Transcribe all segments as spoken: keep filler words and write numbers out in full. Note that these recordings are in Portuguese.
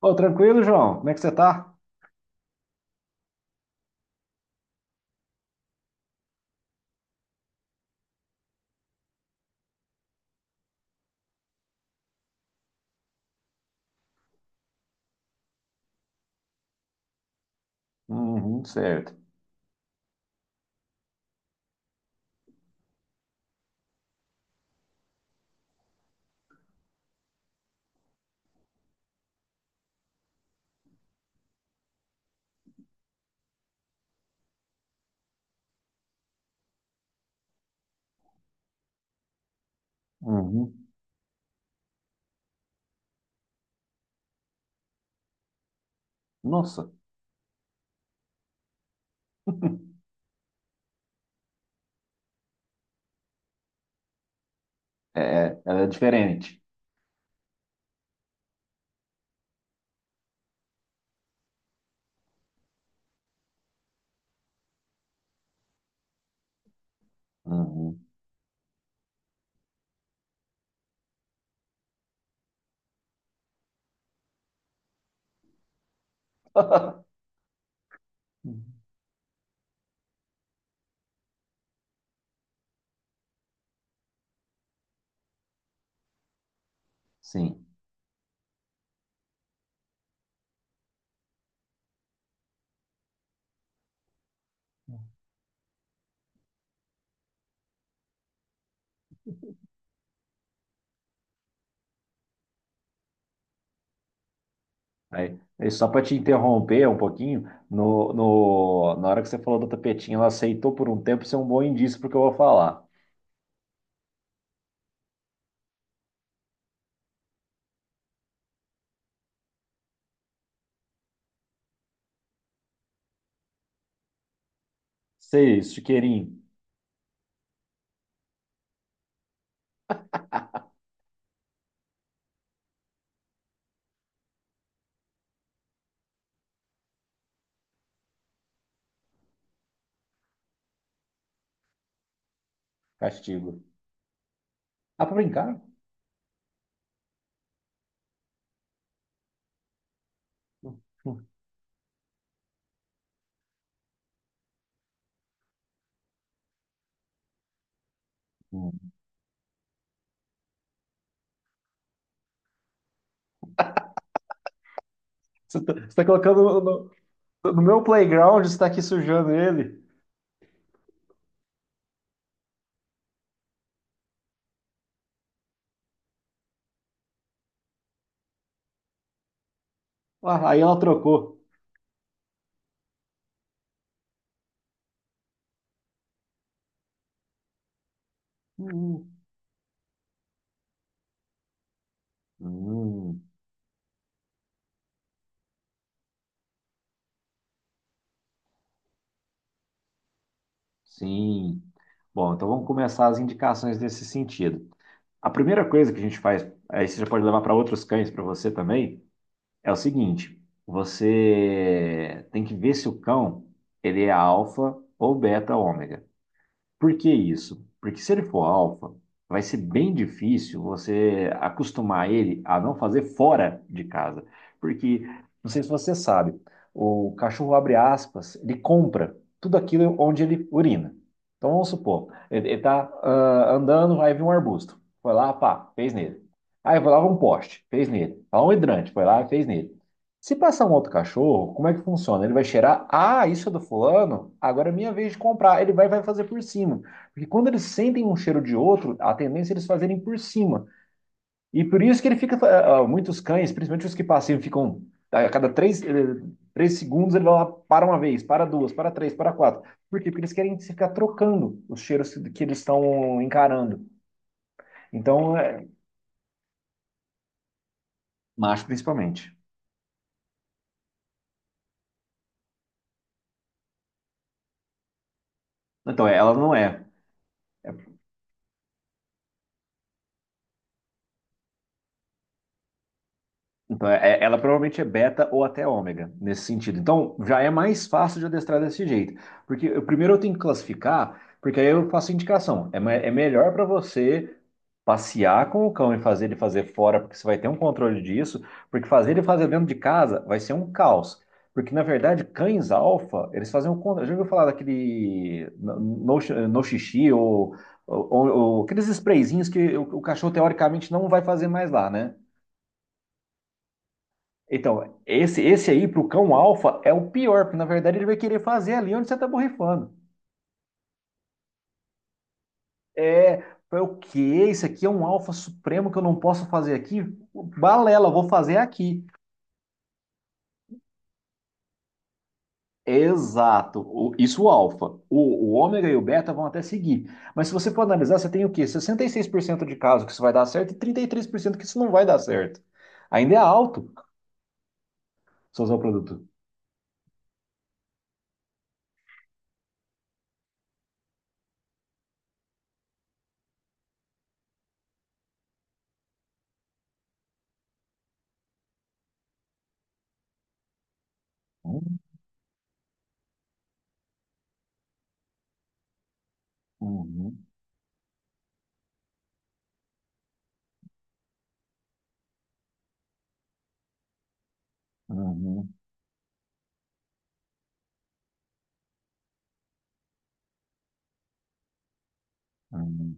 Ô, tranquilo, João? Como é que você tá? Uhum, certo. Uhum. Nossa, é, ela é diferente. Uhum. Sim. Aí, aí só para te interromper um pouquinho, no, no, na hora que você falou do tapetinho, ela aceitou por um tempo, isso é um bom indício porque eu vou falar. Seis, chiqueirinho, castigo. Ah, pra brincar? Hum. Você tá, você tá colocando no, no- no meu playground, você tá aqui sujando ele. Ah, aí ela trocou. Hum. Hum. Sim. Bom, então vamos começar as indicações nesse sentido. A primeira coisa que a gente faz, aí você já pode levar para outros cães, para você também, é o seguinte: você tem que ver se o cão ele é alfa ou beta ômega. Por que isso? Porque se ele for alfa, vai ser bem difícil você acostumar ele a não fazer fora de casa. Porque, não sei se você sabe, o cachorro abre aspas, ele compra tudo aquilo onde ele urina. Então vamos supor, ele, está andando, vai vir um arbusto. Foi lá, pá, fez nele. Aí foi lá um poste, fez nele. Lá um hidrante, foi lá fez nele. Se passar um outro cachorro, como é que funciona? Ele vai cheirar, ah, isso é do fulano, agora é minha vez de comprar. Ele vai, vai fazer por cima. Porque quando eles sentem um cheiro de outro, a tendência é eles fazerem por cima. E por isso que ele fica, ah, muitos cães, principalmente os que passeiam, ficam, a cada três, eh, três segundos ele vai lá, para uma vez, para duas, para três, para quatro. Por quê? Porque eles querem ficar trocando os cheiros que eles estão encarando. Então, é, macho principalmente. Então, ela não é. Então, é- ela provavelmente é beta ou até ômega nesse sentido. Então, já é mais fácil de adestrar desse jeito. Porque eu, primeiro eu tenho que classificar, porque aí eu faço indicação. É, me- é melhor para você passear com o cão e fazer ele fazer fora, porque você vai ter um controle disso, porque fazer ele fazer dentro de casa vai ser um caos. Porque, na verdade, cães alfa, eles fazem o contra. Já ouviu falar daquele no, no no xixi ou, ou- ou- ou aqueles sprayzinhos que o o cachorro, teoricamente, não vai fazer mais lá, né? Então, esse, esse aí pro cão alfa é o pior, porque na verdade ele vai querer fazer ali onde você tá borrifando. É, foi o quê? Isso aqui é um alfa supremo que eu não posso fazer aqui? Balela, vou fazer aqui. Exato, o- isso o alfa. O, o ômega e o beta vão até seguir. Mas se você for analisar, você tem o quê? Sessenta e seis por cento de casos que isso vai dar certo e trinta e três por cento que isso não vai dar certo. Ainda é alto se usar o produto. Uhum, uhum, uhum. Uhum.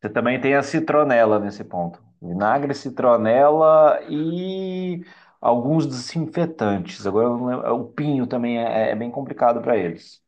Você também tem a citronela nesse ponto. Vinagre, citronela e alguns desinfetantes. Agora, eu não lembro- o pinho também é, é bem complicado para eles.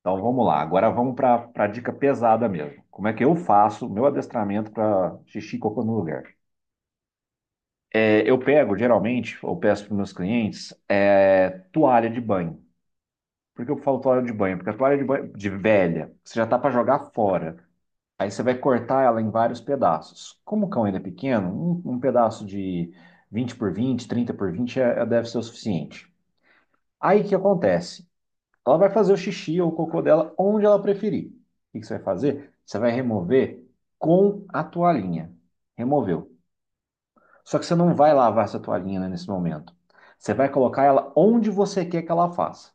Então vamos lá. Agora vamos para a dica pesada mesmo. Como é que eu faço meu adestramento para xixi e cocô no lugar? É, eu pego, geralmente, ou peço para meus clientes, é, toalha de banho. Por que eu falo toalha de banho? Porque a toalha de banho de velha, você já tá para jogar fora. Aí você vai cortar ela em vários pedaços. Como o cão ainda é pequeno, um, um pedaço de vinte por vinte, trinta por vinte, é- é- deve ser o suficiente. Aí o que acontece? Ela vai fazer o xixi ou o cocô dela onde ela preferir. O que que você vai fazer? Você vai remover com a toalhinha. Removeu. Só que você não vai lavar essa toalhinha, né, nesse momento. Você vai colocar ela onde você quer que ela faça,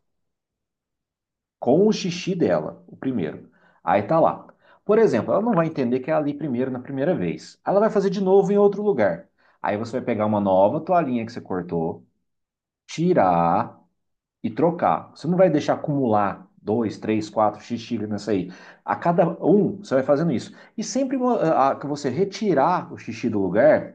com o xixi dela, o primeiro. Aí tá lá. Por exemplo, ela não vai entender que é ali primeiro na primeira vez. Ela vai fazer de novo em outro lugar. Aí você vai pegar uma nova toalhinha que você cortou, tirar, e trocar. Você não vai deixar acumular dois, três, quatro xixi xícaras nessa aí. A cada um, você vai fazendo isso. E sempre mo- que você retirar o xixi do lugar,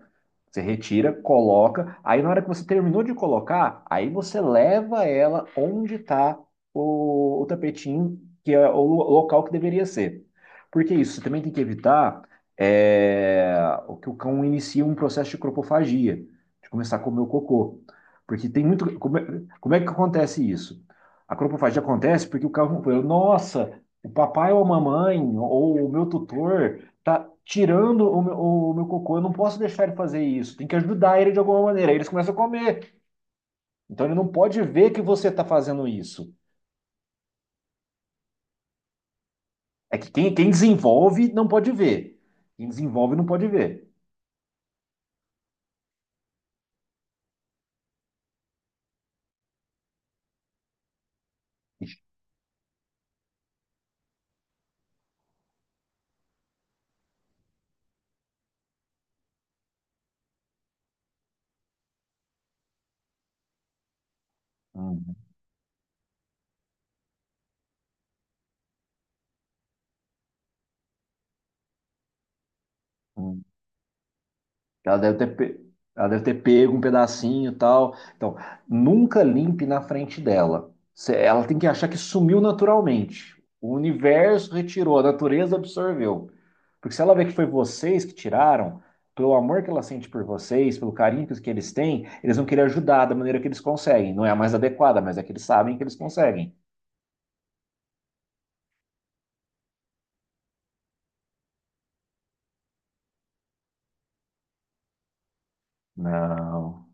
você retira, coloca. Aí na hora que você terminou de colocar, aí você leva ela onde está o, o tapetinho, que é o lo- local que deveria ser. Porque isso, você também tem que evitar é, o que o cão inicie um processo de cropofagia, de começar a comer o cocô. Porque tem muito. Come- como é que acontece isso? A cropofagia acontece porque o carro falou, nossa, o papai ou a mamãe ou o meu tutor tá tirando o meu, o meu cocô, eu não posso deixar ele fazer isso, tem que ajudar ele de alguma maneira. Aí eles começam a comer. Então ele não pode ver que você está fazendo isso. É que quem, quem desenvolve não pode ver. Quem desenvolve não pode ver. Uhum. Uhum. Ela deve ter, pe- ela deve ter pego um pedacinho e tal. Então, nunca limpe na frente dela. Cê- Ela tem que achar que sumiu naturalmente. O universo retirou, a natureza absorveu. Porque se ela vê que foi vocês que tiraram, pelo amor que ela sente por vocês, pelo carinho que que eles têm, eles vão querer ajudar da maneira que eles conseguem. Não é a mais adequada, mas é que eles sabem que eles conseguem. Não.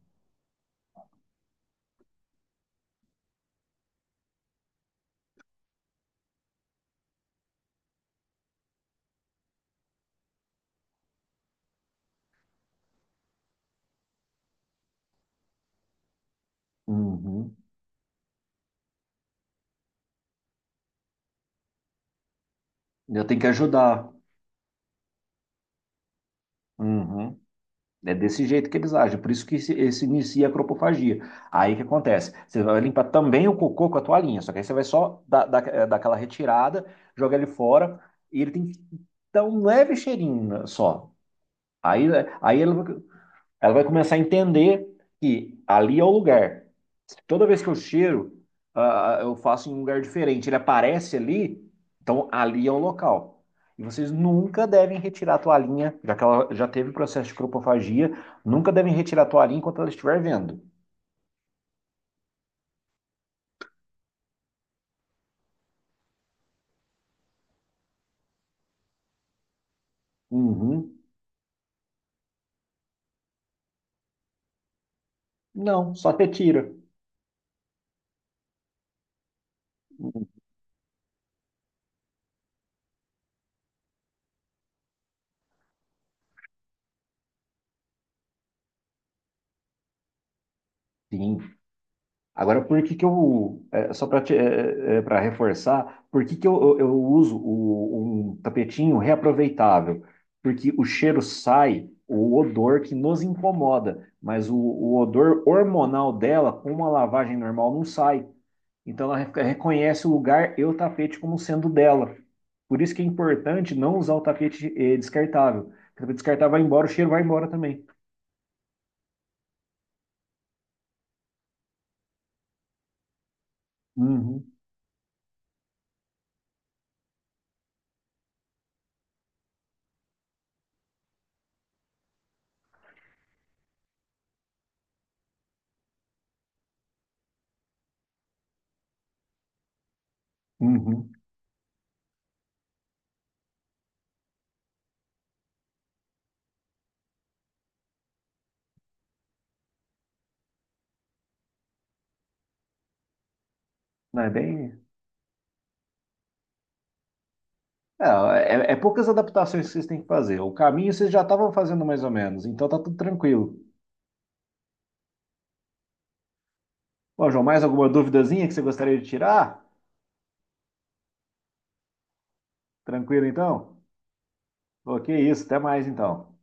Uhum. Eu tenho que ajudar. Uhum. É desse jeito que eles agem, por isso que se, se inicia a cropofagia. Aí o que acontece? Você vai limpar também o cocô com a toalhinha, só que aí você vai só dar, dar, dar aquela retirada, jogar ele fora, e ele tem que dar um leve cheirinho né, só. Aí, aí ele ela vai começar a entender que ali é o lugar. Toda vez que eu cheiro, ah, ah, eu faço em um lugar diferente. Ele aparece ali, então ali é o local. E vocês nunca devem retirar a toalhinha, já que ela já teve processo de cropofagia, nunca devem retirar a toalhinha enquanto ela estiver vendo. Uhum. Não, só retira. Sim. Agora, por que que eu, é, só para para reforçar, por que que eu, eu, eu uso o, um tapetinho reaproveitável? Porque o cheiro sai, o odor que nos incomoda, mas o, o odor hormonal dela, com uma lavagem normal, não sai. Então, ela re- reconhece o lugar e o tapete como sendo dela. Por isso que é importante não usar o tapete eh, descartável. O tapete descartável vai embora, o cheiro vai embora também. Uhum, uhum. Não é bem. Não, é, é poucas adaptações que vocês têm que fazer. O caminho vocês já estavam fazendo mais ou menos, então tá tudo tranquilo. Bom, João, mais alguma duvidazinha que você gostaria de tirar? Tranquilo então? Ok, isso, até mais então.